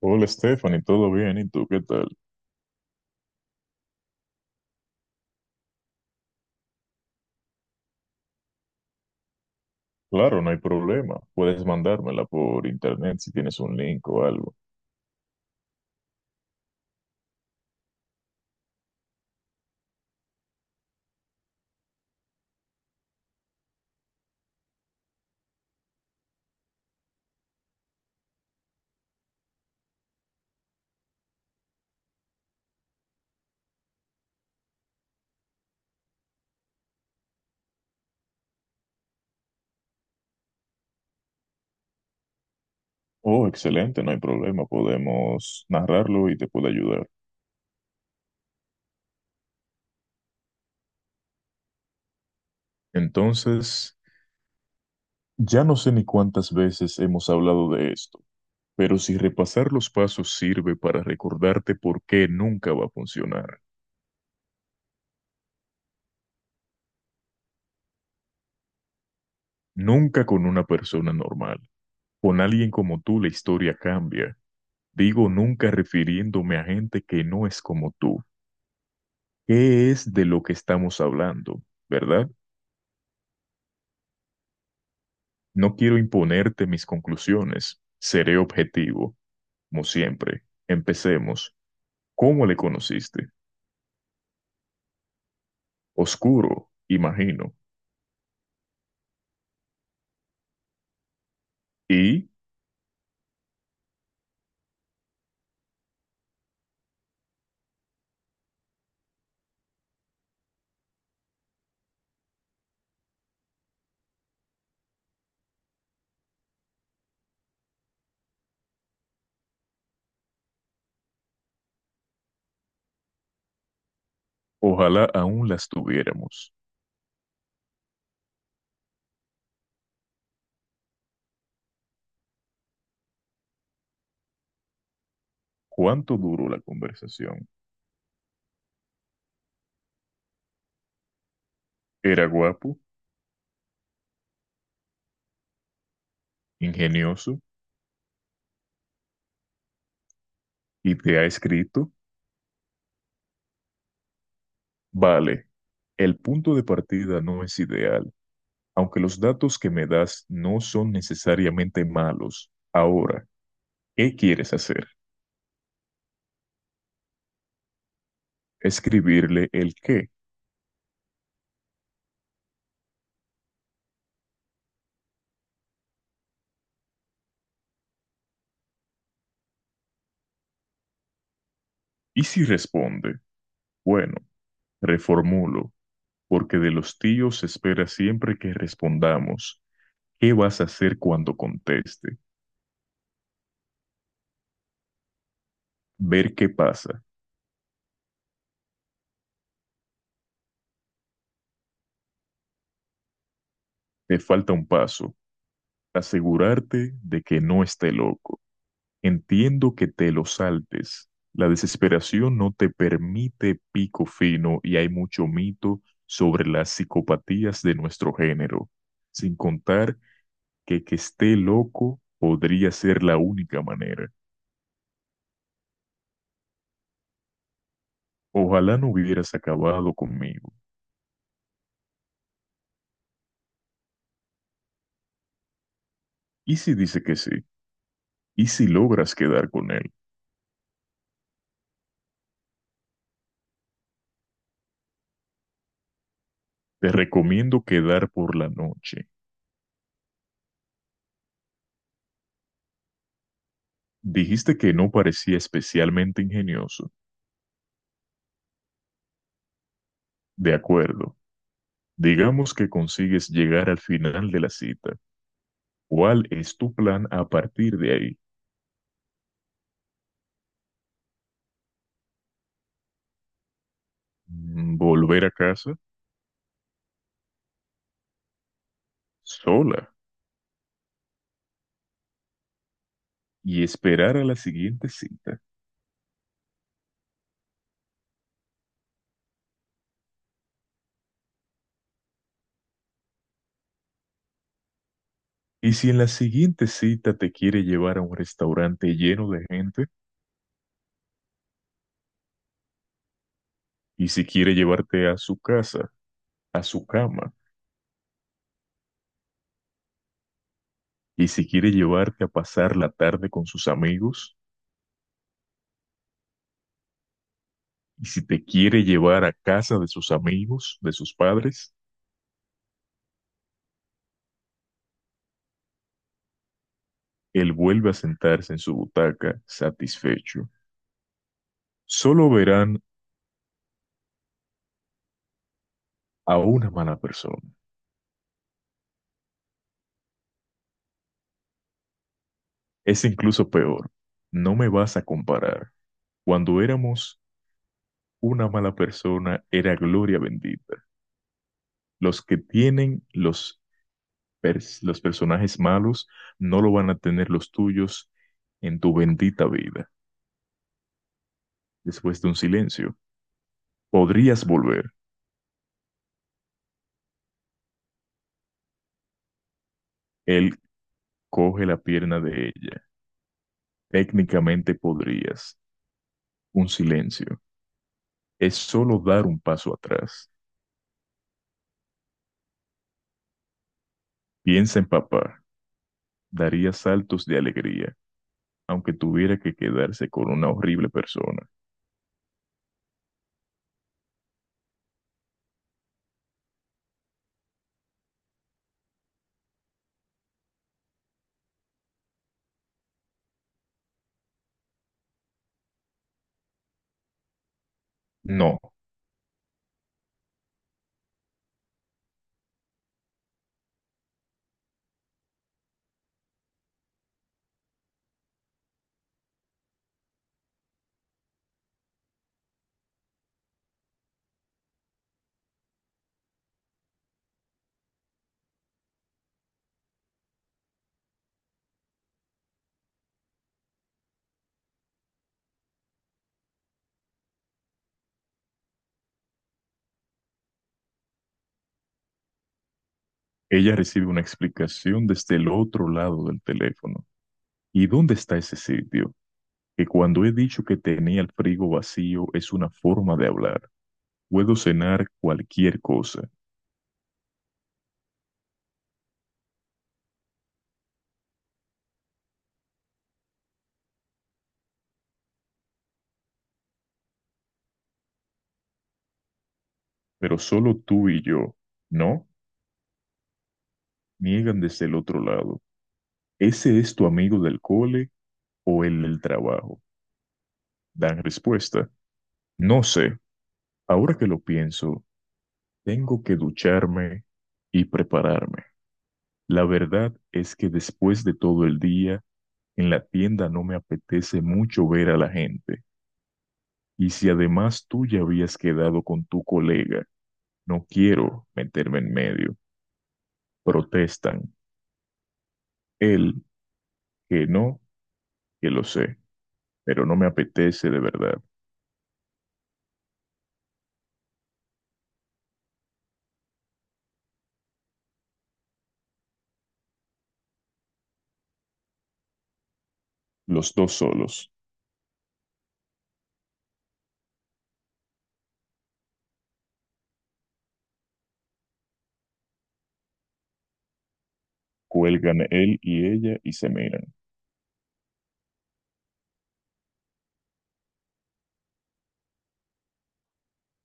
Hola Stephanie, ¿todo bien? ¿Y tú qué tal? Claro, no hay problema. Puedes mandármela por internet si tienes un link o algo. Oh, excelente, no hay problema. Podemos narrarlo y te puedo ayudar. Entonces, ya no sé ni cuántas veces hemos hablado de esto, pero si repasar los pasos sirve para recordarte por qué nunca va a funcionar. Nunca con una persona normal. Con alguien como tú la historia cambia. Digo nunca refiriéndome a gente que no es como tú. ¿Qué es de lo que estamos hablando, verdad? No quiero imponerte mis conclusiones. Seré objetivo, como siempre. Empecemos. ¿Cómo le conociste? Oscuro, imagino. Y ojalá aún las tuviéramos. ¿Cuánto duró la conversación? ¿Era guapo, ingenioso y te ha escrito? Vale, el punto de partida no es ideal, aunque los datos que me das no son necesariamente malos. Ahora, ¿qué quieres hacer? Escribirle el qué. Y si responde, bueno, reformulo, porque de los tíos se espera siempre que respondamos. ¿Qué vas a hacer cuando conteste? Ver qué pasa. Te falta un paso. Asegurarte de que no esté loco. Entiendo que te lo saltes. La desesperación no te permite pico fino y hay mucho mito sobre las psicopatías de nuestro género, sin contar que esté loco podría ser la única manera. Ojalá no hubieras acabado conmigo. ¿Y si dice que sí? ¿Y si logras quedar con él? Te recomiendo quedar por la noche. Dijiste que no parecía especialmente ingenioso. De acuerdo. Digamos que consigues llegar al final de la cita. ¿Cuál es tu plan a partir de ahí? ¿Volver a casa sola y esperar a la siguiente cita? Y si en la siguiente cita te quiere llevar a un restaurante lleno de gente, y si quiere llevarte a su casa, a su cama, y si quiere llevarte a pasar la tarde con sus amigos, y si te quiere llevar a casa de sus amigos, de sus padres, él vuelve a sentarse en su butaca satisfecho. Solo verán a una mala persona. Es incluso peor. No me vas a comparar. Cuando éramos una mala persona era gloria bendita. Los que tienen los, los personajes malos no lo van a tener los tuyos en tu bendita vida. Después de un silencio, podrías volver. Él coge la pierna de ella. Técnicamente podrías. Un silencio. Es solo dar un paso atrás. Piensa en papá. Daría saltos de alegría, aunque tuviera que quedarse con una horrible persona. No. Ella recibe una explicación desde el otro lado del teléfono. ¿Y dónde está ese sitio? Que cuando he dicho que tenía el frigo vacío es una forma de hablar. Puedo cenar cualquier cosa, pero solo tú y yo, ¿no? Niegan desde el otro lado. ¿Ese es tu amigo del cole o el del trabajo? Dan respuesta. No sé. Ahora que lo pienso, tengo que ducharme y prepararme. La verdad es que después de todo el día, en la tienda no me apetece mucho ver a la gente. Y si además tú ya habías quedado con tu colega, no quiero meterme en medio. Protestan. Él, que no, que lo sé, pero no me apetece de verdad. Los dos solos. Cuelgan él y ella y se miran.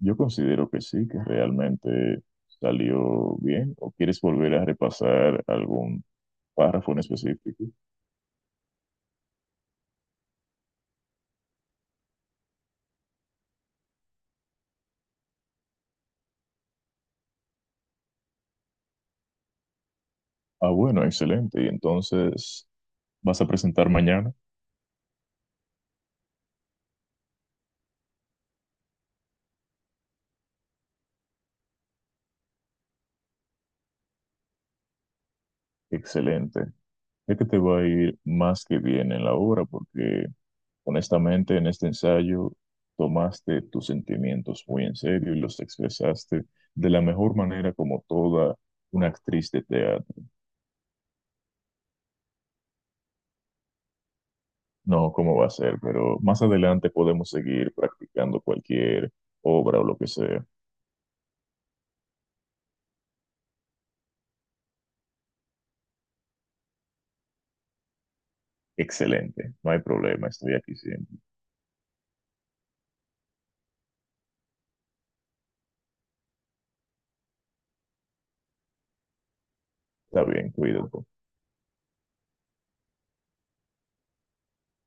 Yo considero que sí, que realmente salió bien. ¿O quieres volver a repasar algún párrafo en específico? Ah, bueno, excelente. Y entonces, ¿vas a presentar mañana? Excelente. Es que te va a ir más que bien en la obra porque honestamente en este ensayo tomaste tus sentimientos muy en serio y los expresaste de la mejor manera como toda una actriz de teatro. No, cómo va a ser, pero más adelante podemos seguir practicando cualquier obra o lo que sea. Excelente, no hay problema, estoy aquí siempre. Está bien, cuídate.